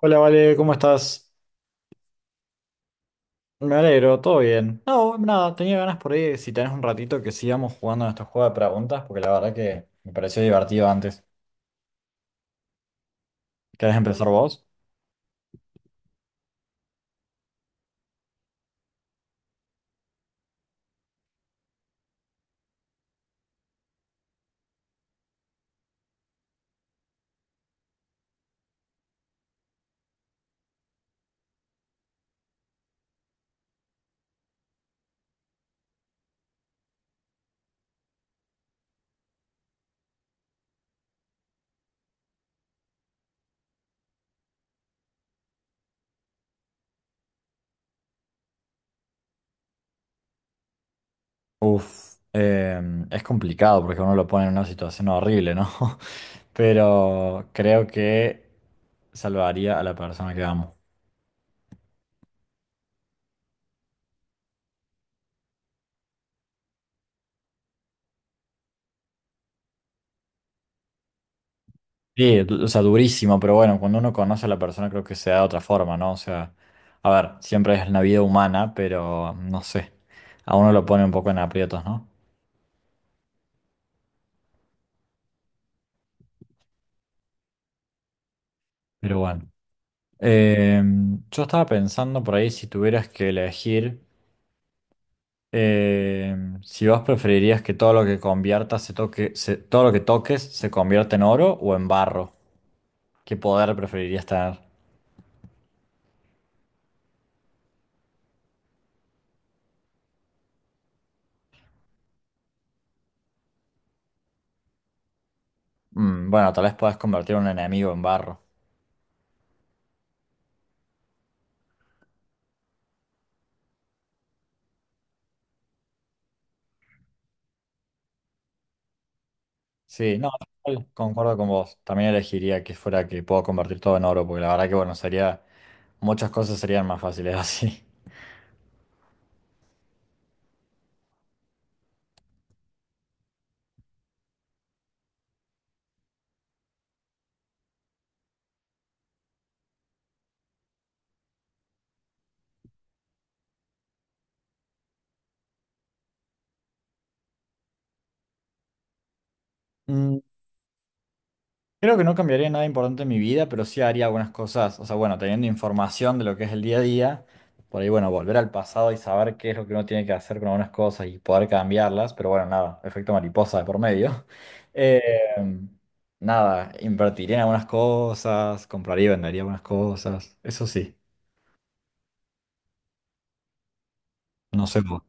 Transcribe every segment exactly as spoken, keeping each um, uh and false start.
Hola, Vale, ¿cómo estás? Me alegro, todo bien. No, nada, tenía ganas por ahí, si tenés un ratito, que sigamos jugando a estos juegos de preguntas, porque la verdad que me pareció divertido antes. ¿Querés empezar vos? Uf, em, es complicado porque uno lo pone en una situación horrible, ¿no? Pero creo que salvaría a la persona que amo. Sí, du- o sea, durísimo, pero bueno, cuando uno conoce a la persona creo que se da de otra forma, ¿no? O sea, a ver, siempre es la vida humana, pero no sé, a uno lo pone un poco en aprietos, ¿no? Pero bueno, Em, yo estaba pensando por ahí si tuvieras que elegir, em, si vos preferirías que todo lo que conviertas se toque, se- todo lo que toques se convierta en oro o en barro. ¿Qué poder preferirías tener? Mm, bueno, tal vez puedas convertir a un enemigo en barro. Sí, no, igual concuerdo con vos. También elegiría que fuera que puedo convertir todo en oro, porque la verdad que bueno, sería, muchas cosas serían más fáciles así. Creo que no cambiaría nada importante en mi vida, pero sí haría algunas cosas, o sea, bueno, teniendo información de lo que es el día a día, por ahí, bueno, volver al pasado y saber qué es lo que uno tiene que hacer con algunas cosas y poder cambiarlas, pero bueno, nada, efecto mariposa de por medio. Eh, nada, invertiría en algunas cosas, compraría y vendería algunas cosas, eso sí, no sé. Vos.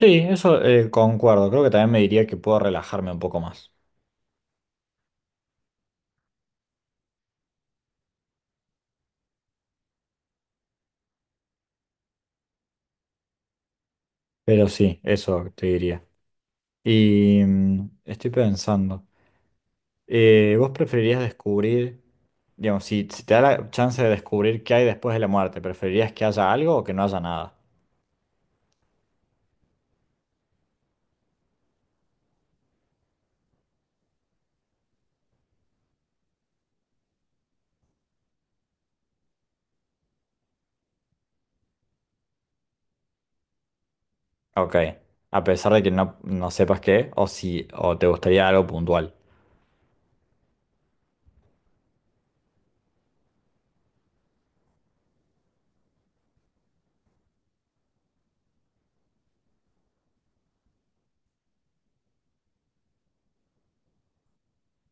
Sí, eso, eh, concuerdo, creo que también me diría que puedo relajarme un poco más, pero sí, eso te diría. Y mm, estoy pensando. Eh, ¿vos preferirías descubrir, digamos, si, si te da la chance de descubrir qué hay después de la muerte, preferirías que haya algo o que no haya nada? Ok, a pesar de que no, no sepas qué, o si, o te gustaría algo puntual.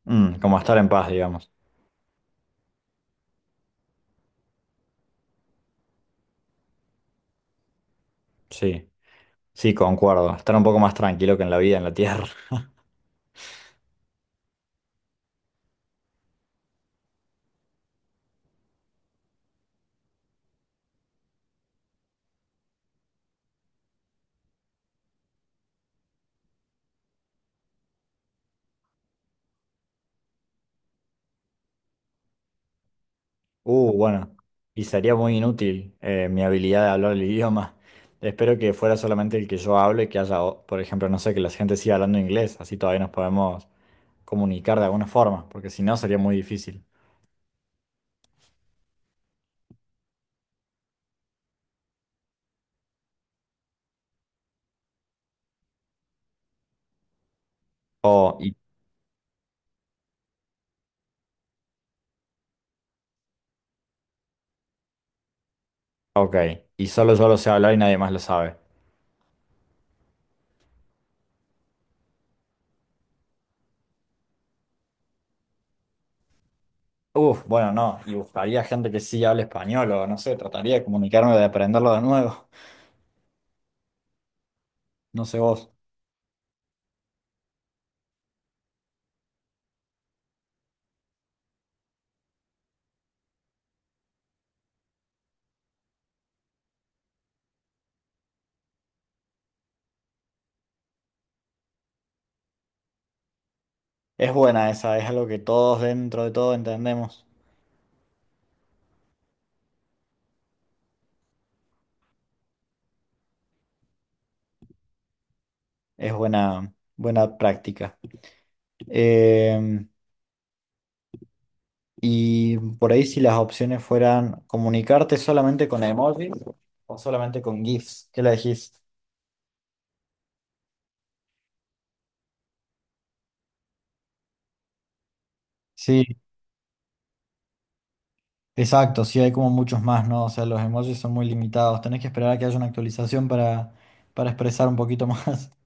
Mm, como estar en paz, digamos. Sí, sí, concuerdo. Estar un poco más tranquilo que en la vida, en la tierra. Uh, bueno, y sería muy inútil eh, mi habilidad de hablar el idioma. Espero que fuera solamente el que yo hablo y que haya, o- por ejemplo, no sé, que la gente siga hablando inglés, así todavía nos podemos comunicar de alguna forma, porque si no sería muy difícil. O, y, ok, y solo yo lo sé hablar y nadie más lo sabe. Uf, bueno, no, y buscaría gente que sí hable español o no sé, trataría de comunicarme, de aprenderlo de nuevo. No sé vos. Es buena esa, es algo que todos dentro de todo entendemos. Es buena, buena práctica. Eh, y por ahí si las opciones fueran comunicarte solamente con emojis o solamente con GIFs, ¿qué le decís? Sí, exacto, sí hay como muchos más, ¿no? O sea, los emojis son muy limitados. Tenés que esperar a que haya una actualización para, para expresar un poquito más.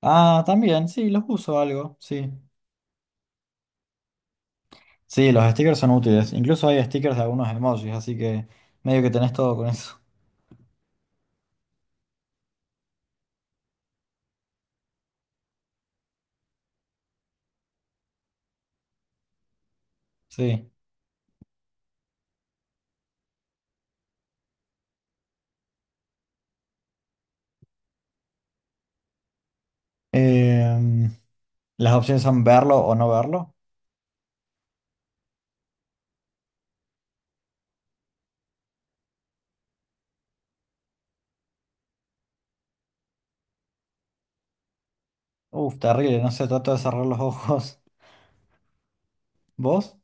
Ah, también, sí, los uso algo, sí. Sí, los stickers son útiles. Incluso hay stickers de algunos emojis, así que medio que tenés todo con eso. Sí. Em, las opciones son verlo o no verlo. Uf, terrible, no sé, trato de cerrar los ojos. ¿Vos?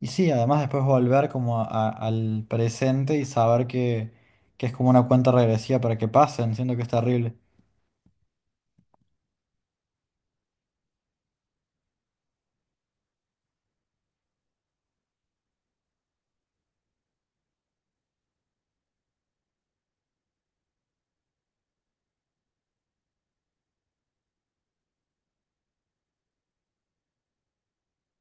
Y sí, además después volver como a- a- al presente y saber que, que es como una cuenta regresiva para que pasen, siento que es terrible.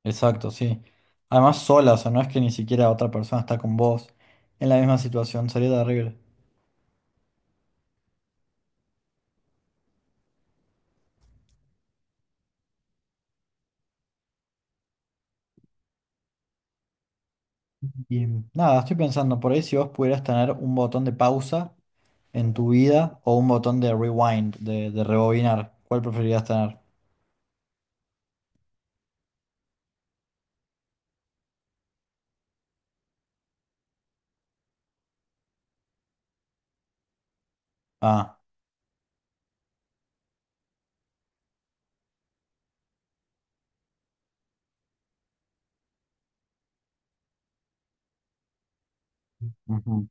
Exacto, sí. Además sola, o sea, no es que ni siquiera otra persona está con vos en la misma situación, sería terrible. Y nada, estoy pensando por ahí si vos pudieras tener un botón de pausa en tu vida o un botón de rewind, de, de rebobinar, ¿cuál preferirías tener? Ah, ujú,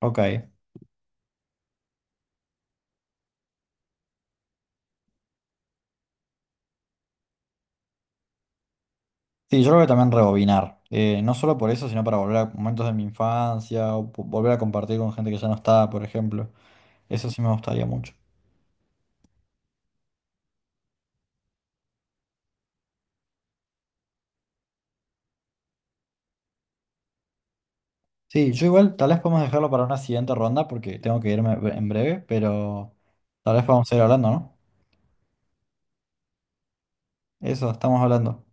ok. Sí, yo creo que también rebobinar, eh, no solo por eso, sino para volver a momentos de mi infancia o po- volver a compartir con gente que ya no está, por ejemplo. Eso sí me gustaría mucho. Sí, yo igual tal vez podemos dejarlo para una siguiente ronda porque tengo que irme bre- en breve, pero tal vez podamos seguir hablando, ¿no? Eso, estamos hablando.